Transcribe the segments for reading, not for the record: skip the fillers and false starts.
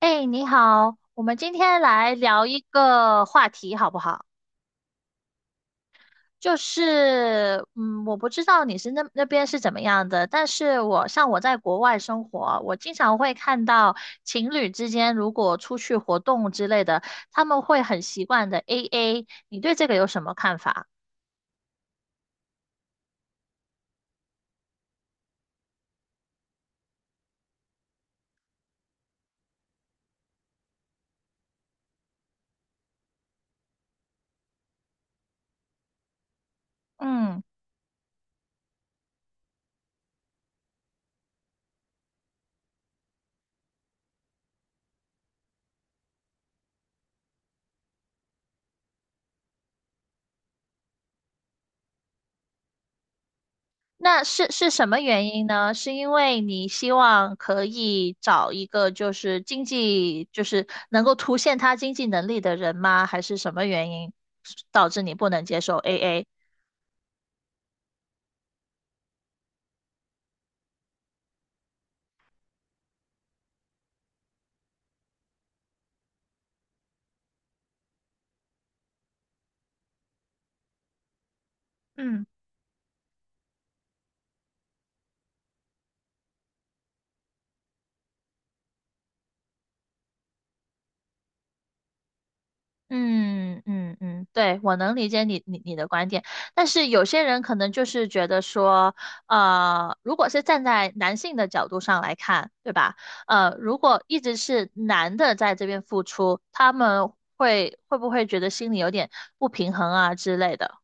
哎，你好，我们今天来聊一个话题好不好？我不知道你那边是怎么样的，但是我在国外生活，我经常会看到情侣之间如果出去活动之类的，他们会很习惯的 AA，你对这个有什么看法？嗯。那是什么原因呢？是因为你希望可以找一个就是经济，就是能够凸显他经济能力的人吗？还是什么原因导致你不能接受 AA？嗯。嗯嗯嗯，对，我能理解你的观点，但是有些人可能就是觉得说，如果是站在男性的角度上来看，对吧？如果一直是男的在这边付出，他们会不会觉得心里有点不平衡啊之类的？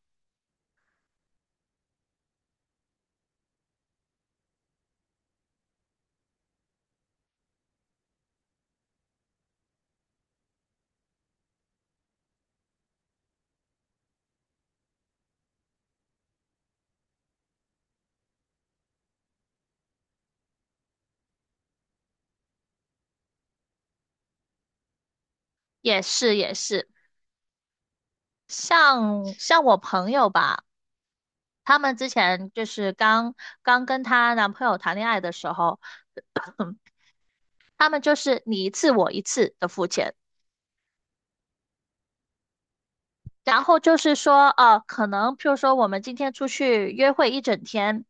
也是也是。像我朋友吧，他们之前就是刚跟她男朋友谈恋爱的时候，他们就是你一次我一次的付钱。然后就是说，可能譬如说我们今天出去约会一整天，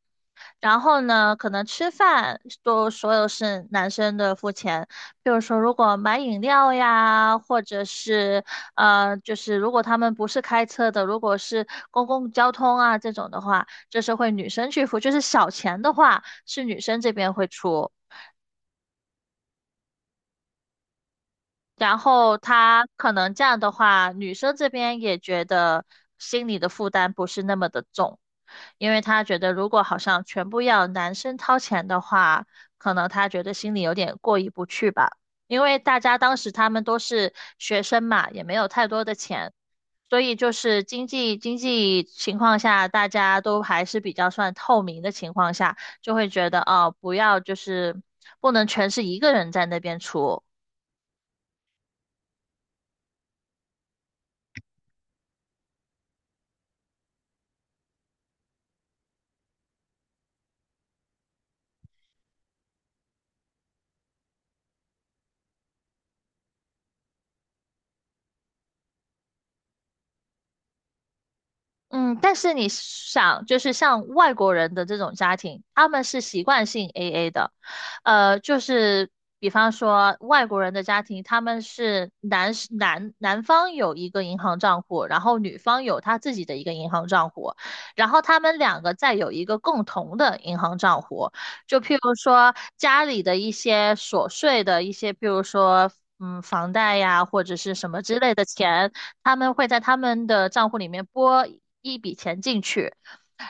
然后呢，可能吃饭都所有是男生的付钱。比如说，如果买饮料呀，或者是就是如果他们不是开车的，如果是公共交通啊这种的话，就是会女生去付。就是小钱的话，是女生这边会出。然后他可能这样的话，女生这边也觉得心里的负担不是那么的重，因为他觉得如果好像全部要男生掏钱的话，可能他觉得心里有点过意不去吧。因为大家当时他们都是学生嘛，也没有太多的钱，所以就是经济情况下，大家都还是比较算透明的情况下，就会觉得哦，不能全是一个人在那边出。嗯，但是你想，就是像外国人的这种家庭，他们是习惯性 AA 的，就是比方说外国人的家庭，他们是男方有一个银行账户，然后女方有她自己的一个银行账户，然后他们两个再有一个共同的银行账户，就譬如说家里的一些琐碎的一些，譬如说房贷呀或者是什么之类的钱。他们会在他们的账户里面拨一笔钱进去，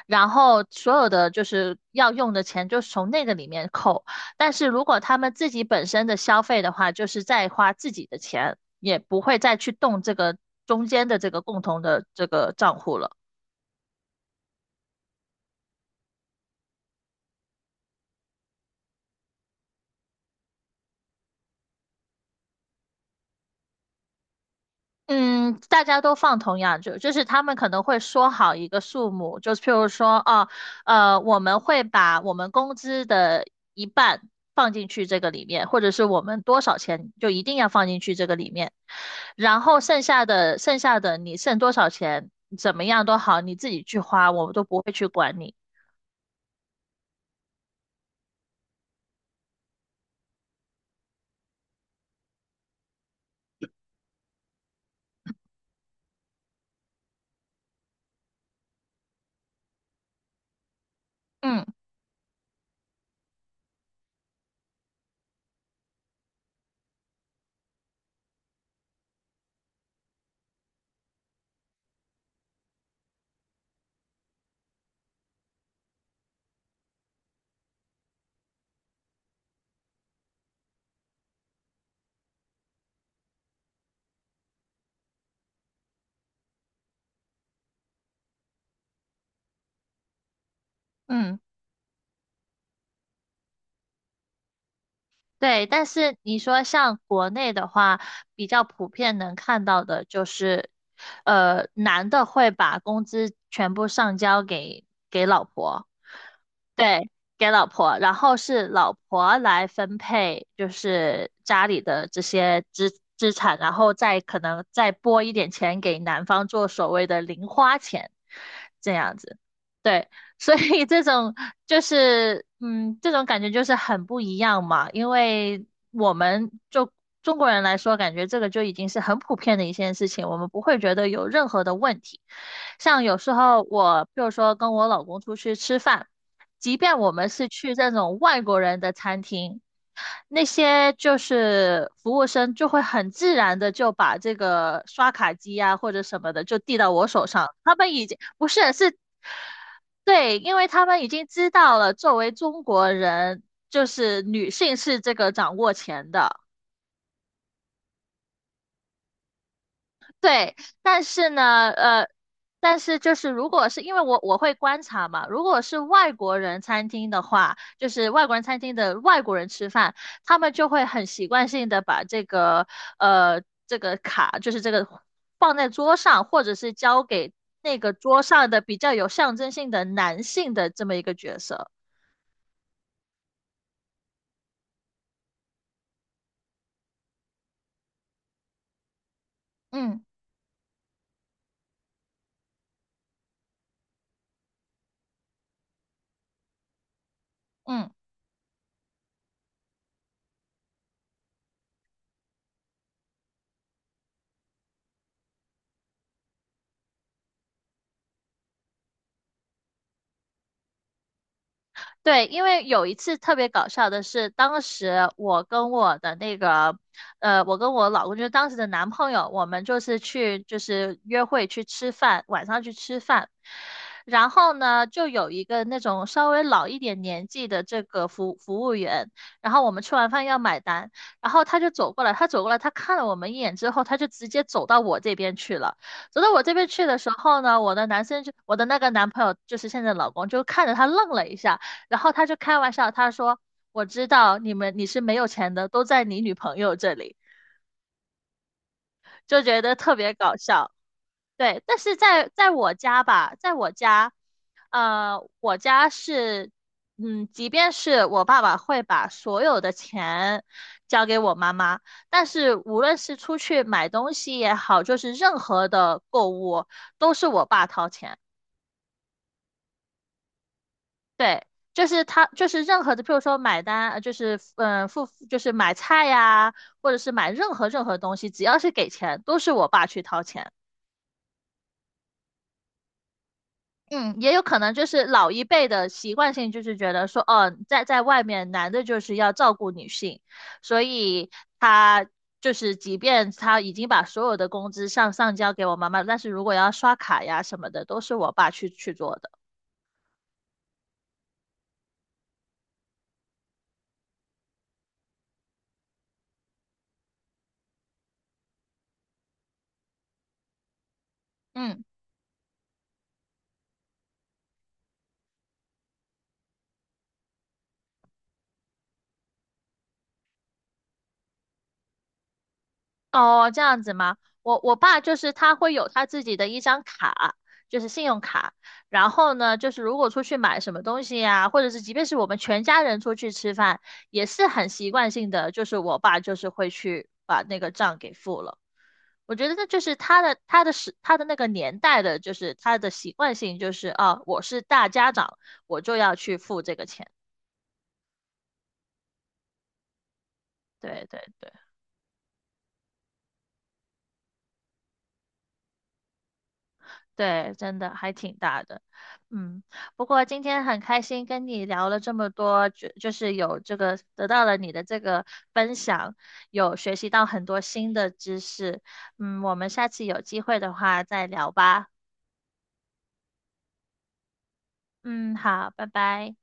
然后所有的就是要用的钱就是从那个里面扣。但是如果他们自己本身的消费的话，就是再花自己的钱，也不会再去动这个中间的这个共同的这个账户了。嗯，大家都放同样就是他们可能会说好一个数目，就是譬如说，哦，我们会把我们工资的一半放进去这个里面，或者是我们多少钱就一定要放进去这个里面，然后剩下的你剩多少钱，怎么样都好，你自己去花，我们都不会去管你。嗯嗯。对，但是你说像国内的话，比较普遍能看到的就是，男的会把工资全部上交给老婆，对，给老婆，然后是老婆来分配，就是家里的这些资产，然后再可能再拨一点钱给男方做所谓的零花钱，这样子。对，所以这种这种感觉就是很不一样嘛。因为我们就中国人来说，感觉这个就已经是很普遍的一件事情，我们不会觉得有任何的问题。像有时候我，比如说跟我老公出去吃饭，即便我们是去这种外国人的餐厅。那些就是服务生就会很自然的就把这个刷卡机啊或者什么的就递到我手上，他们已经不是，对，因为他们已经知道了，作为中国人，就是女性是这个掌握钱的。对，但是呢，但是就是如果是因为我会观察嘛，如果是外国人餐厅的话，就是外国人餐厅的外国人吃饭，他们就会很习惯性的把这个卡，就是这个放在桌上，或者是交给那个桌上的比较有象征性的男性的这么一个角色。嗯嗯。对，因为有一次特别搞笑的是，当时我跟我的那个，我跟我老公就是当时的男朋友，我们就是去就是约会去吃饭，晚上去吃饭，然后呢，就有一个那种稍微老一点年纪的这个服务员，然后我们吃完饭要买单，然后他就走过来，他看了我们一眼之后，他就直接走到我这边去了。走到我这边去的时候呢，我的那个男朋友就是现在的老公就看着他愣了一下。然后他就开玩笑，他说：“我知道你是没有钱的，都在你女朋友这里。”就觉得特别搞笑。对，但是在我家吧，在我家，我家是，即便是我爸爸会把所有的钱交给我妈妈，但是无论是出去买东西也好，就是任何的购物都是我爸掏钱。对，就是他，就是任何的，譬如说买单，付，就是买菜呀，或者是买任何东西，只要是给钱，都是我爸去掏钱。嗯，也有可能就是老一辈的习惯性，就是觉得说，哦，在外面男的就是要照顾女性，所以他就是即便他已经把所有的工资上交给我妈妈，但是如果要刷卡呀什么的，都是我爸去做的。嗯。哦，这样子吗？我爸就是他会有他自己的一张卡，就是信用卡。然后呢，就是如果出去买什么东西呀、或者是即便是我们全家人出去吃饭，也是很习惯性的，就是我爸就是会去把那个账给付了。我觉得这就是他的那个年代的，就是他的习惯性，就是啊，我是大家长，我就要去付这个钱。对对对。对，真的还挺大的，嗯，不过今天很开心跟你聊了这么多，就是有这个得到了你的这个分享，有学习到很多新的知识，嗯，我们下次有机会的话再聊吧，嗯，好，拜拜。